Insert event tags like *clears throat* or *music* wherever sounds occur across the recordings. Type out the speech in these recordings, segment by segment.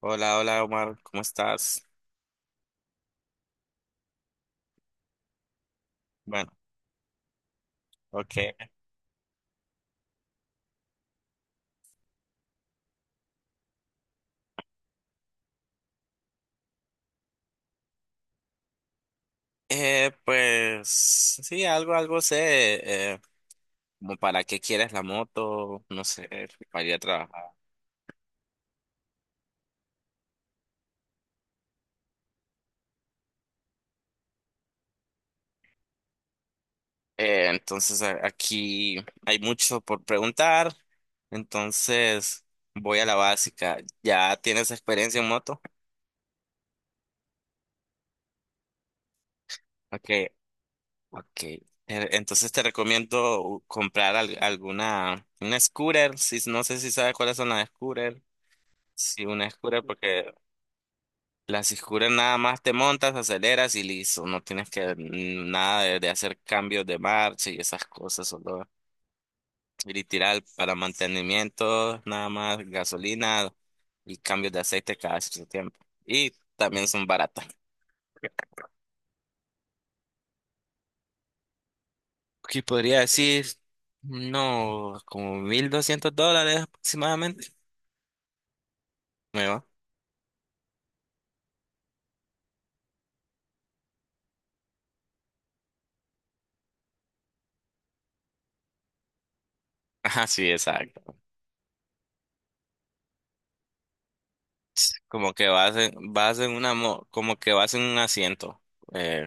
Hola, hola Omar, ¿cómo estás? Bueno, ok. Pues sí, algo sé, como para qué quieres la moto, no sé, para ir a trabajar. Entonces aquí hay mucho por preguntar, entonces voy a la básica. ¿Ya tienes experiencia en moto? Ok, ok. Entonces te recomiendo comprar alguna, una scooter, si, no sé si sabes cuáles son las scooter. Sí, una scooter porque la Siscura nada más te montas, aceleras y listo. No tienes que nada de hacer cambios de marcha y esas cosas. Solo ir y tirar para mantenimiento, nada más gasolina y cambios de aceite cada cierto tiempo. Y también son baratas. Aquí podría decir, no, como $1,200 aproximadamente. Me va. Ajá, sí, exacto. Como que vas en una, como que vas en un asiento, eh,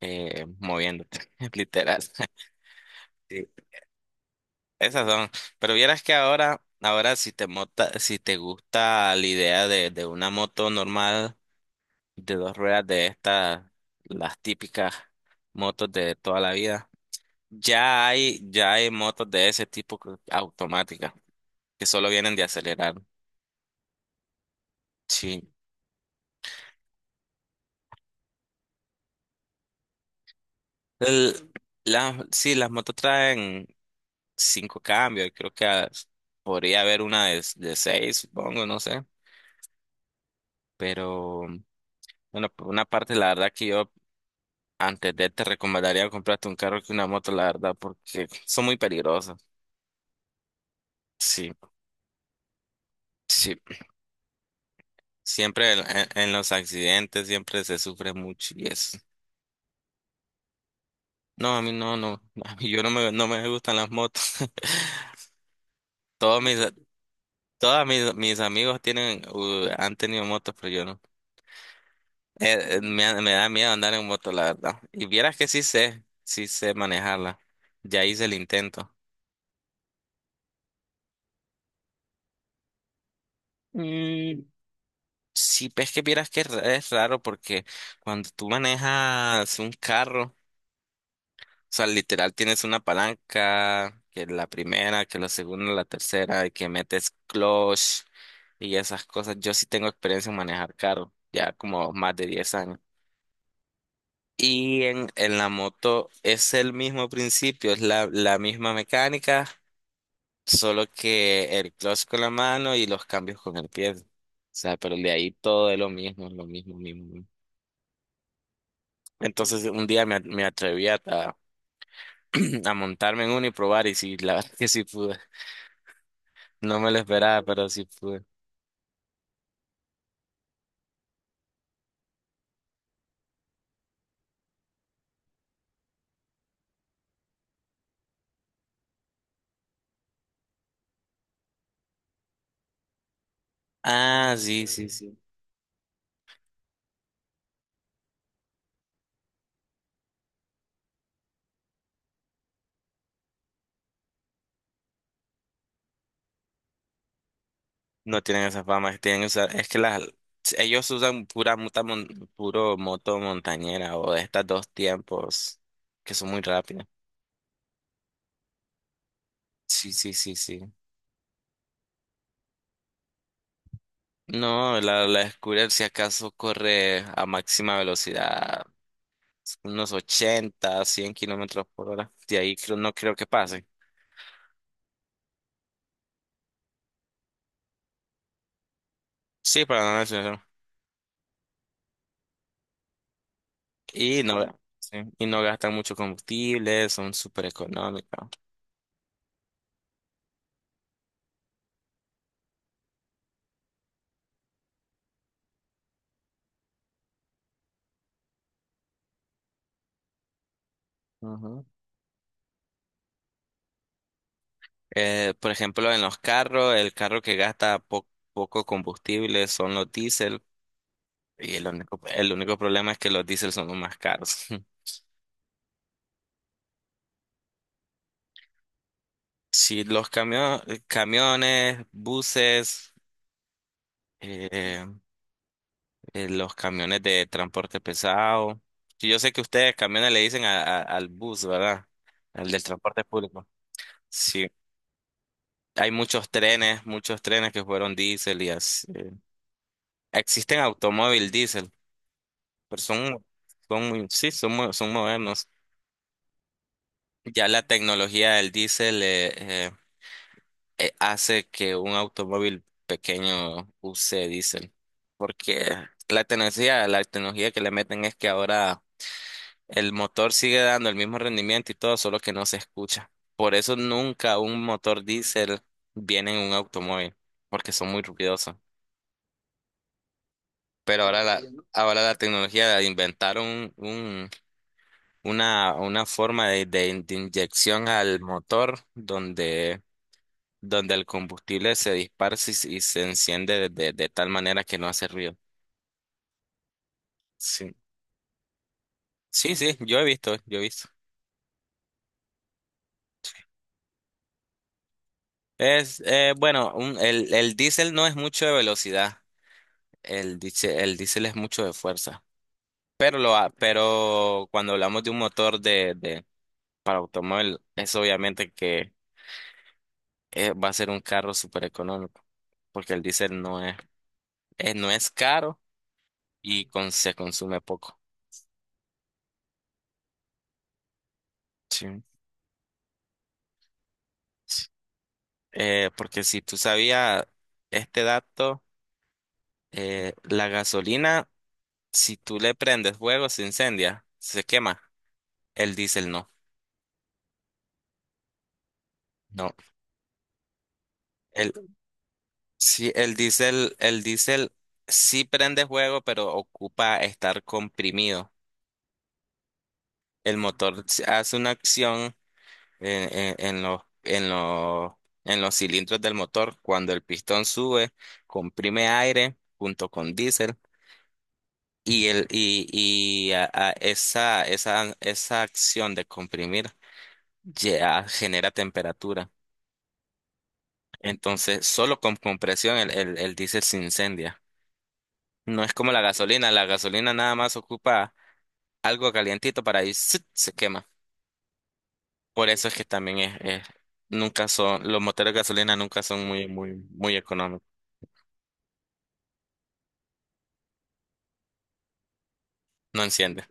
moviéndote, *laughs* literal. *laughs* Esas son. Pero vieras que ahora si te mota, si te gusta la idea de una moto normal de dos ruedas de estas, las típicas motos de toda la vida, ya hay motos de ese tipo automáticas que solo vienen de acelerar. Sí. El- sí, las motos traen cinco cambios. Creo que podría haber una de seis, supongo, no sé. Pero bueno, por una parte, la verdad que yo antes de te recomendaría comprarte un carro que una moto, la verdad, porque son muy peligrosas. Sí, sí. Siempre en los accidentes siempre se sufre mucho y eso. No, a mí no, no. *laughs* A mí yo no me, no me gustan las motos. *laughs* Todos mis, todas mis, mis amigos tienen, han tenido motos, pero yo no. Me da miedo andar en moto, la verdad. Y vieras que sí sé manejarla. Ya hice el intento. Mm, sí, ves que vieras que es es raro porque cuando tú manejas un carro, o sea, literal tienes una palanca, que la primera, que la segunda, la tercera, y que metes clutch y esas cosas. Yo sí tengo experiencia en manejar carro, ya como más de 10 años. Y en la moto es el mismo principio, es la misma mecánica, solo que el clutch con la mano y los cambios con el pie. O sea, pero de ahí todo es lo mismo, mismo. Entonces un día me atreví *clears throat* a montarme en uno y probar y sí, la *laughs* verdad que sí pude. No me lo esperaba, pero sí pude. Ah, sí, sí, sí. No tienen esa fama, que tienen esa, es que las ellos usan puro moto montañera o de estas dos tiempos que son muy rápidas. Sí, sí, sí, sí. No, la scooter si acaso corre a máxima velocidad, unos 80 a 100 km/h. De ahí no creo que pase. Sí, para no mencionar. Y no, sí, y no gastan mucho combustible, son súper económicas. Ujú. Por ejemplo, en los carros, el carro que gasta poco combustible son los diésel. Y el único problema es que los diésel son los más caros. *laughs* Sí, los camiones, buses, eh, los camiones de transporte pesado. Sí, yo sé que ustedes camiones le dicen al bus, ¿verdad? Al del transporte público. Sí. Hay muchos trenes que fueron diésel y así. Existen automóvil diésel, pero son, son muy, sí, son, son modernos. Ya la tecnología del diésel hace que un automóvil pequeño use diésel, porque la tecnología que le meten es que ahora el motor sigue dando el mismo rendimiento y todo, solo que no se escucha. Por eso nunca un motor diésel viene en un automóvil, porque son muy ruidosos. Pero ahora la tecnología de inventar una forma de inyección al motor donde, donde el combustible se dispara se enciende de tal manera que no hace ruido. Sí, sí, sí, yo he visto, yo he visto. Es, bueno, el diésel no es mucho de velocidad. El diésel es mucho de fuerza, pero pero cuando hablamos de un motor de para automóvil, es obviamente que va a ser un carro súper económico, porque el diésel no es, no es caro se consume poco. Sí. Porque si tú sabías este dato, la gasolina, si tú le prendes fuego, se incendia, se quema. El diésel no. No. Sí, el diésel sí prende fuego, pero ocupa estar comprimido. El motor hace una acción en en en los cilindros del motor. Cuando el pistón sube, comprime aire junto con diésel y, el, y a esa, esa, esa acción de comprimir ya genera temperatura. Entonces, solo con compresión el diésel se incendia. No es como la gasolina nada más ocupa algo calientito para ahí ¡zut! Se quema. Por eso es que también nunca son, los motores de gasolina nunca son muy, muy, muy económicos. No enciende.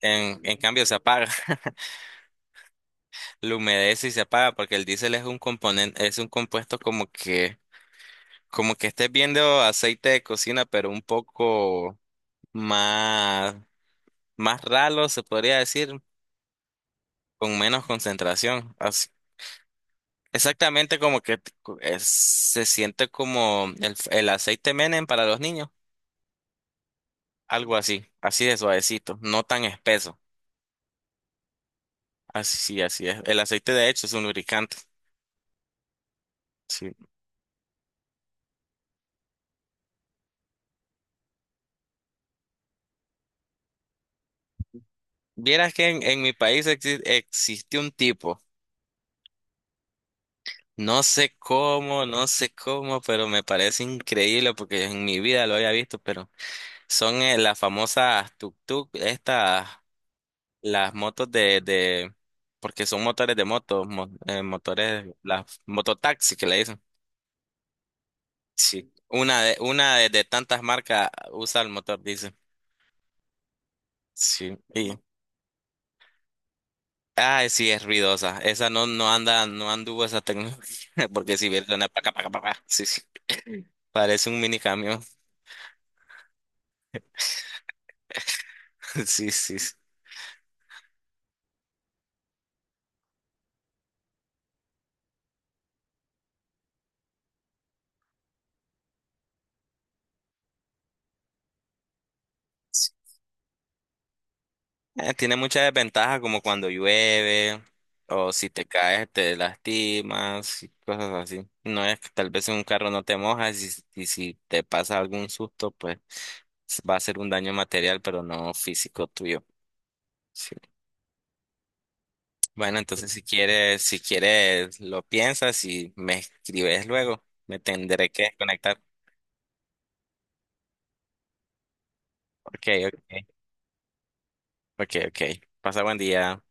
En cambio se apaga, *laughs* lo humedece y se apaga porque el diésel es un componente, es un compuesto como que estés viendo aceite de cocina, pero un más, más ralo, se podría decir, con menos concentración. Exactamente como que se siente como el aceite Menem para los niños. Algo así, así de suavecito, no tan espeso. Así, sí, así es. El aceite de hecho es un lubricante. Sí. Vieras que en mi país existe un tipo, no sé cómo, no sé cómo, pero me parece increíble porque en mi vida lo había visto, pero son las famosas tuk-tuk, estas, las motos porque son motores de motos, motores, las mototaxis que le dicen. Sí, una de, una de tantas marcas usa el motor, dice. Sí, y ah, sí, es ruidosa. Esa no, no anda, no anduvo esa tecnología, *laughs* porque si bien suena paca, paca, paca. Sí, sí. Parece un mini camión. *laughs* Sí, sí. Sí. Tiene muchas desventajas, como cuando llueve, o si te caes, te lastimas, y cosas así. No es que tal vez en un carro no te mojas, y si te pasa algún susto, pues va a ser un daño material, pero no físico tuyo. Sí. Bueno, entonces si quieres, si quieres, lo piensas y me escribes luego. Me tendré que desconectar. Ok, ok, ok, ok. Pasa buen día.